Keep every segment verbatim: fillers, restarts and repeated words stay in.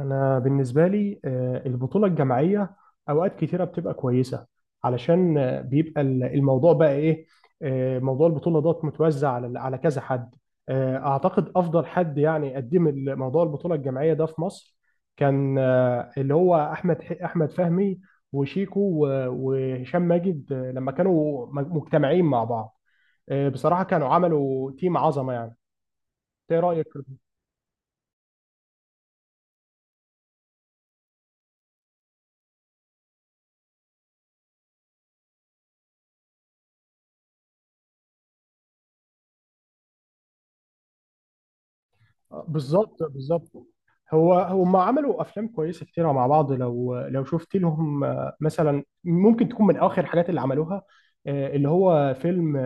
أنا بالنسبة لي، آه، البطولة الجماعية أوقات كتيرة بتبقى كويسة. علشان آه، بيبقى ال- الموضوع بقى إيه. آه، موضوع البطولة دوت متوزع على على كذا حد. آه، أعتقد أفضل حد يعني قدم ال- موضوع البطولة الجماعية ده في مصر كان، آه، اللي هو أحمد ح- أحمد فهمي وشيكو و- وهشام ماجد، آه، لما كانوا مج- مجتمعين مع بعض. آه، بصراحة كانوا عملوا تيم عظمة يعني. إيه رأيك؟ بالظبط، بالظبط. هو هم عملوا افلام كويسه كتير مع بعض. لو لو شفت لهم آه، مثلا، ممكن تكون من اخر الحاجات اللي عملوها آه، اللي هو فيلم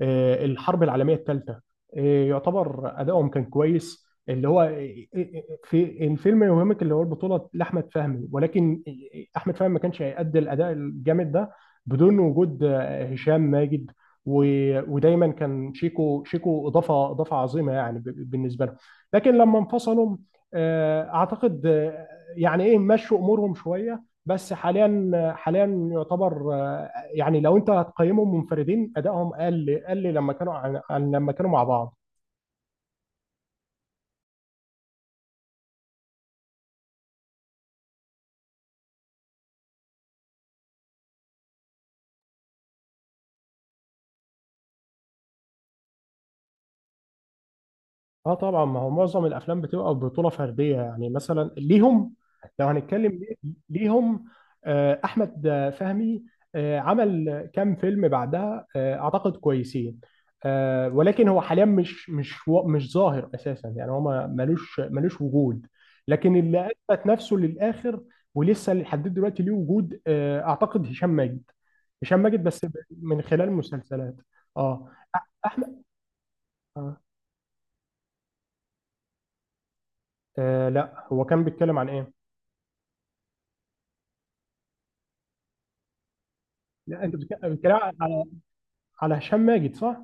آه، الحرب العالميه الثالثه. آه، يعتبر ادائهم كان كويس، اللي هو آه، آه، آه، في الفيلم يوهمك اللي هو البطوله لاحمد فهمي، ولكن آه، احمد فهمي ما كانش هيأدي الاداء الجامد ده بدون وجود آه، هشام ماجد. و- ودايما كان شيكو شيكو اضافه اضافه عظيمه يعني، ب- بالنسبه لهم. لكن لما انفصلوا، آه، اعتقد آه، يعني ايه، مشوا امورهم شويه بس. حاليا، حاليا يعتبر آه، يعني لو انت هتقيمهم منفردين ادائهم قل قل لما كانوا عن عن لما كانوا مع بعض. اه، طبعا ما هو معظم الافلام بتبقى بطوله فرديه، يعني مثلا ليهم. لو هنتكلم ليه- ليهم، آه، احمد فهمي آه، عمل كام فيلم بعدها، آه، اعتقد كويسين. آه، ولكن هو حاليا مش مش و- مش ظاهر اساسا، يعني هو ما- ملوش ملوش وجود. لكن اللي اثبت نفسه للاخر ولسه لحد دلوقتي ليه وجود آه، اعتقد هشام ماجد. هشام ماجد بس من خلال مسلسلات. اه. احمد. آه آه، لا، هو كان بيتكلم عن ايه؟ لا، انت بتك- بتتكلم على على هشام ماجد، صح؟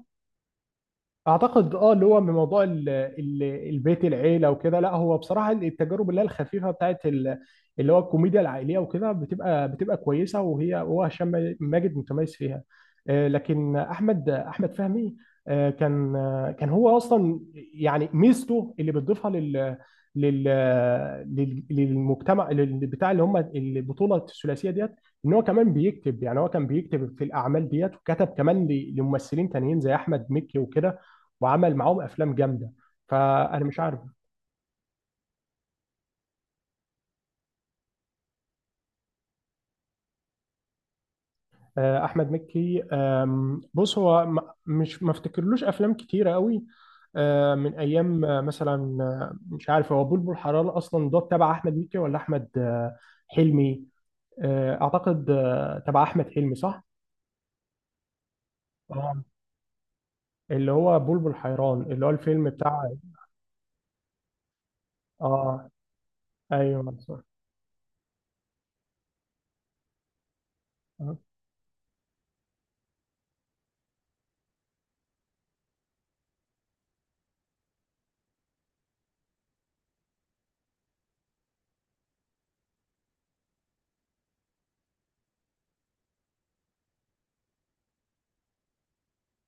اعتقد اه اللي هو من موضوع ال- ال- البيت العيله وكده. لا، هو بصراحه التجارب اللي هي الخفيفه بتاعت ال- اللي هو الكوميديا العائليه وكده بتبقى بتبقى كويسه. وهي هو هشام ماجد متميز فيها. آه، لكن احمد احمد فهمي آه، كان آه، كان هو اصلا، يعني ميزته اللي بتضيفها لل لل لل- للمجتمع، لل- بتاع اللي هم البطوله الثلاثيه ديت، ان هو كمان بيكتب. يعني هو كان بيكتب في الاعمال ديت وكتب كمان ل- لممثلين تانيين زي احمد مكي وكده، وعمل معاهم افلام جامده. فانا مش عارف. آه، احمد مكي، آم، بص هو م- مش ما افتكرلوش افلام كتيره قوي، آه، من ايام آه، مثلا آه، مش عارف هو بلبل حرام اصلا ده تبع احمد مكي ولا احمد آه، حلمي. آه، اعتقد آه، تبع احمد حلمي، صح. اه، اللي هو بلبل حيران، اللي هو الفيلم بتاع. اه، ايوه، صح. آه.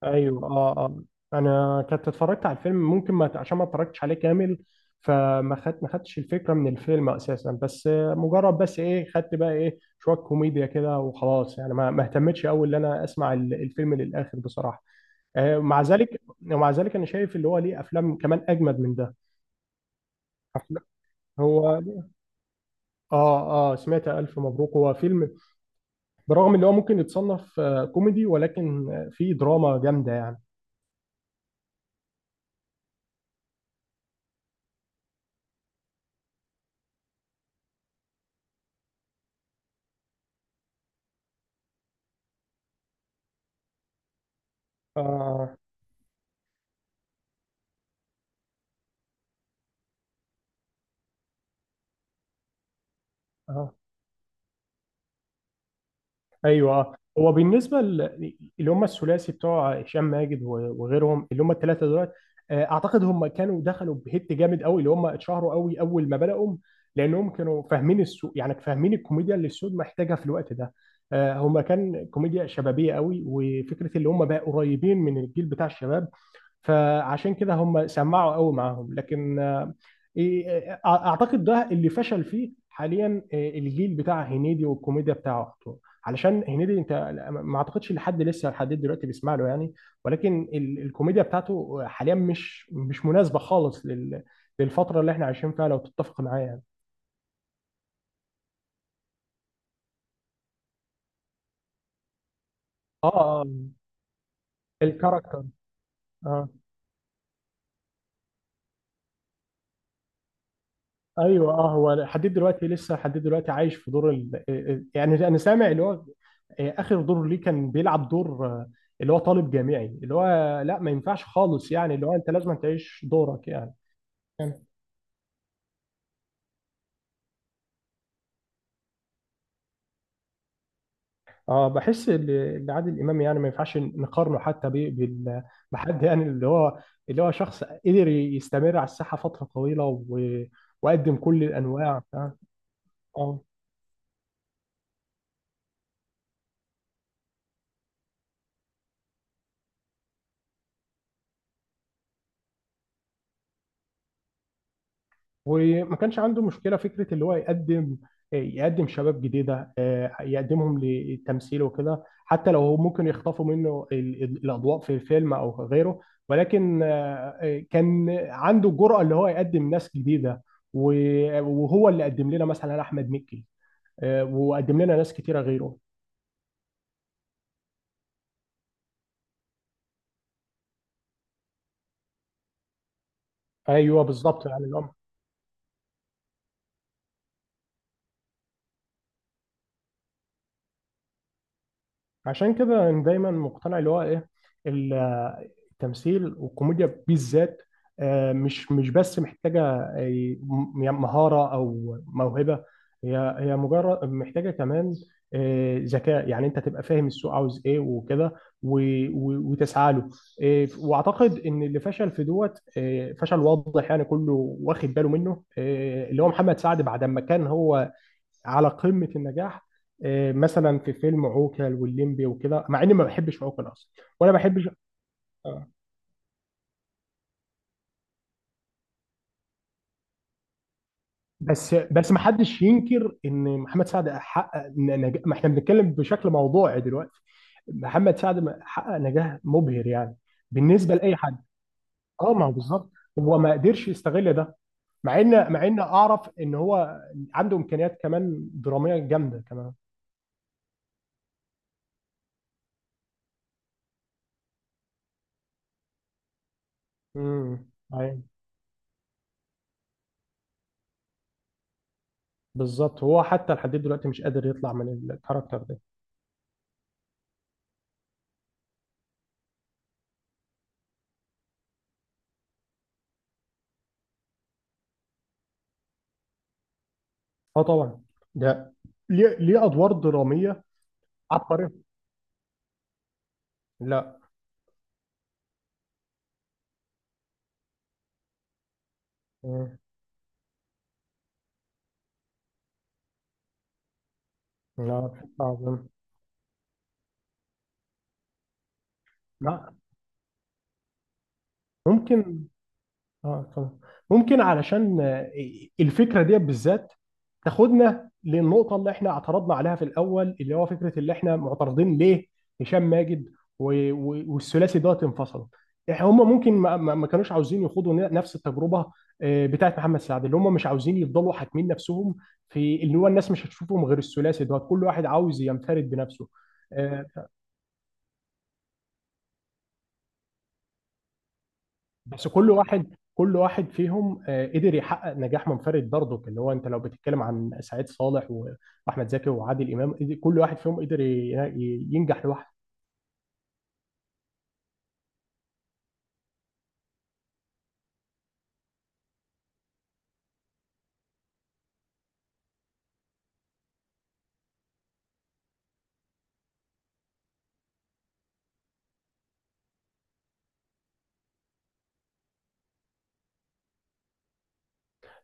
ايوه، اه، اه. انا كنت اتفرجت على الفيلم. ممكن ما عشان ما اتفرجتش عليه كامل، فما خدت ما خدتش الفكره من الفيلم اساسا. بس مجرد بس ايه، خدت بقى ايه شويه كوميديا كده وخلاص. يعني ما ما اهتمتش قوي ان انا اسمع ال- الفيلم للاخر بصراحه. آه مع ذلك ومع ذلك انا شايف اللي هو ليه افلام كمان اجمد من ده. أفلام- هو، اه، اه، سمعت الف مبروك. هو فيلم برغم ان هو ممكن يتصنف آه، كوميدي، ولكن آه، فيه دراما جامده يعني. اه، اه، ايوه. آه. هو بالنسبه ل- اللي هم الثلاثي بتوع هشام ماجد و- وغيرهم، اللي هم الثلاثه دول. آه، اعتقد هم كانوا دخلوا بهيت جامد قوي، اللي هم اتشهروا قوي اول ما بداوا، لانهم كانوا فاهمين السوق، يعني فاهمين الكوميديا اللي السوق محتاجها في الوقت ده. آه، هم كان كوميديا شبابيه قوي، وفكره اللي هم بقى قريبين من الجيل بتاع الشباب، فعشان كده هم سمعوا قوي معاهم. لكن إيه، أع- اعتقد ده اللي فشل فيه حاليا، إيه، الجيل بتاع هنيدي والكوميديا بتاعته. علشان هنيدي انت ما اعتقدش لحد لسه لحد دلوقتي بيسمع له يعني. ولكن ال- الكوميديا بتاعته حاليا مش مش مناسبه خالص لل- للفتره اللي احنا عايشين فيها، لو تتفق معايا يعني. اه. آه، الكاركتر. اه، ايوه، اه. هو حديد دلوقتي، لسه حديد دلوقتي عايش في دور ال... آه، آه، يعني انا سامع اللي هو آه، اخر دور ليه كان بيلعب دور آه، اللي هو طالب جامعي، اللي هو لا ما ينفعش خالص، يعني اللي هو انت لازم تعيش دورك يعني. يعني- اه، بحس ان إن عادل امام يعني ما ينفعش نقارنه حتى ب- بال- بحد، يعني اللي هو اللي هو شخص قدر يستمر على الساحه فتره طويله و... وقدم كل الانواع، فاهم؟ آه. وما كانش عنده مشكله فكره اللي هو يقدم، يقدم شباب جديده، آه، يقدمهم للتمثيل وكده، حتى لو هو ممكن يخطفوا منه ال- ال- الاضواء في الفيلم او غيره. ولكن آه، آه، كان عنده الجرأه اللي هو يقدم ناس جديده. و- وهو اللي قدم لنا مثلا احمد مكي. آه، وقدم لنا ناس كتيره غيره. ايوه، بالظبط يعني اللي هو- عشان كده أنا دايما مقتنع اللي هو ايه، التمثيل والكوميديا بالذات آه، مش مش بس محتاجة آه، م- يعني مهارة أو موهبة. هي هي مجرد محتاجة كمان آه، ذكاء، يعني أنت تبقى فاهم السوق عاوز إيه وكده و- و- وتسعى له. آه، وأعتقد إن اللي فشل في دوت آه، فشل واضح، يعني كله واخد باله منه، آه، اللي هو محمد سعد بعد ما كان هو على قمة النجاح. آه، مثلا في فيلم عوكل والليمبي وكده، مع اني ما بحبش عوكل اصلا ولا بحبش. آه، بس بس ما حدش ينكر ان محمد سعد حقق نجاح. ما احنا بنتكلم بشكل موضوعي دلوقتي. محمد سعد ما- حقق نجاح مبهر، يعني بالنسبه لاي حد. اه، ما هو بالظبط. هو ما قدرش يستغل ده، مع ان مع ان اعرف ان هو عنده امكانيات كمان دراميه جامده كمان. امم ايوه، بالظبط. هو حتى لحد دلوقتي مش قادر يطلع من الكاركتر ده. اه، طبعا، ده ليه ليه ادوار دراميه عبقريه. لا. مم. لا، بشكل عظيم. لا. ممكن. اه، اتفضل. ممكن علشان آه، الفكره دي بالذات تاخدنا للنقطه اللي احنا اعترضنا عليها في الاول، اللي هو فكره اللي احنا معترضين ليه هشام ماجد و- و- والثلاثي دوت انفصلوا. إح- هم ممكن ما ما- ما كانوش عاوزين يخوضوا ن- نفس التجربه آه، بتاعت محمد سعد، اللي هم مش عاوزين يفضلوا حاكمين نفسهم في اللي هو الناس مش هتشوفهم غير الثلاثي دوت. كل واحد عاوز ينفرد بنفسه. آه، بس كل واحد كل واحد فيهم آه، قدر يحقق نجاح منفرد برضه، اللي هو انت لو بتتكلم عن سعيد صالح و- واحمد زكي وعادل امام، قدر- كل واحد فيهم قدر ي- ي- ينجح لوحده.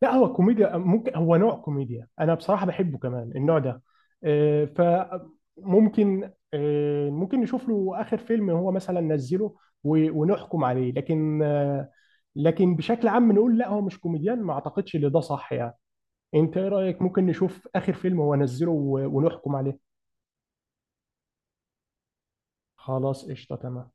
لا، هو كوميديا ممكن، هو نوع كوميديا انا بصراحه بحبه كمان، النوع ده. آه، فممكن آه، ممكن نشوف له اخر فيلم هو مثلا نزله و- ونحكم عليه، لكن آه، لكن بشكل عام نقول لا، هو مش كوميديان، ما اعتقدش ان ده صح يعني. انت ايه رأيك؟ ممكن نشوف اخر فيلم هو نزله و- ونحكم عليه. خلاص، قشطة، تمام.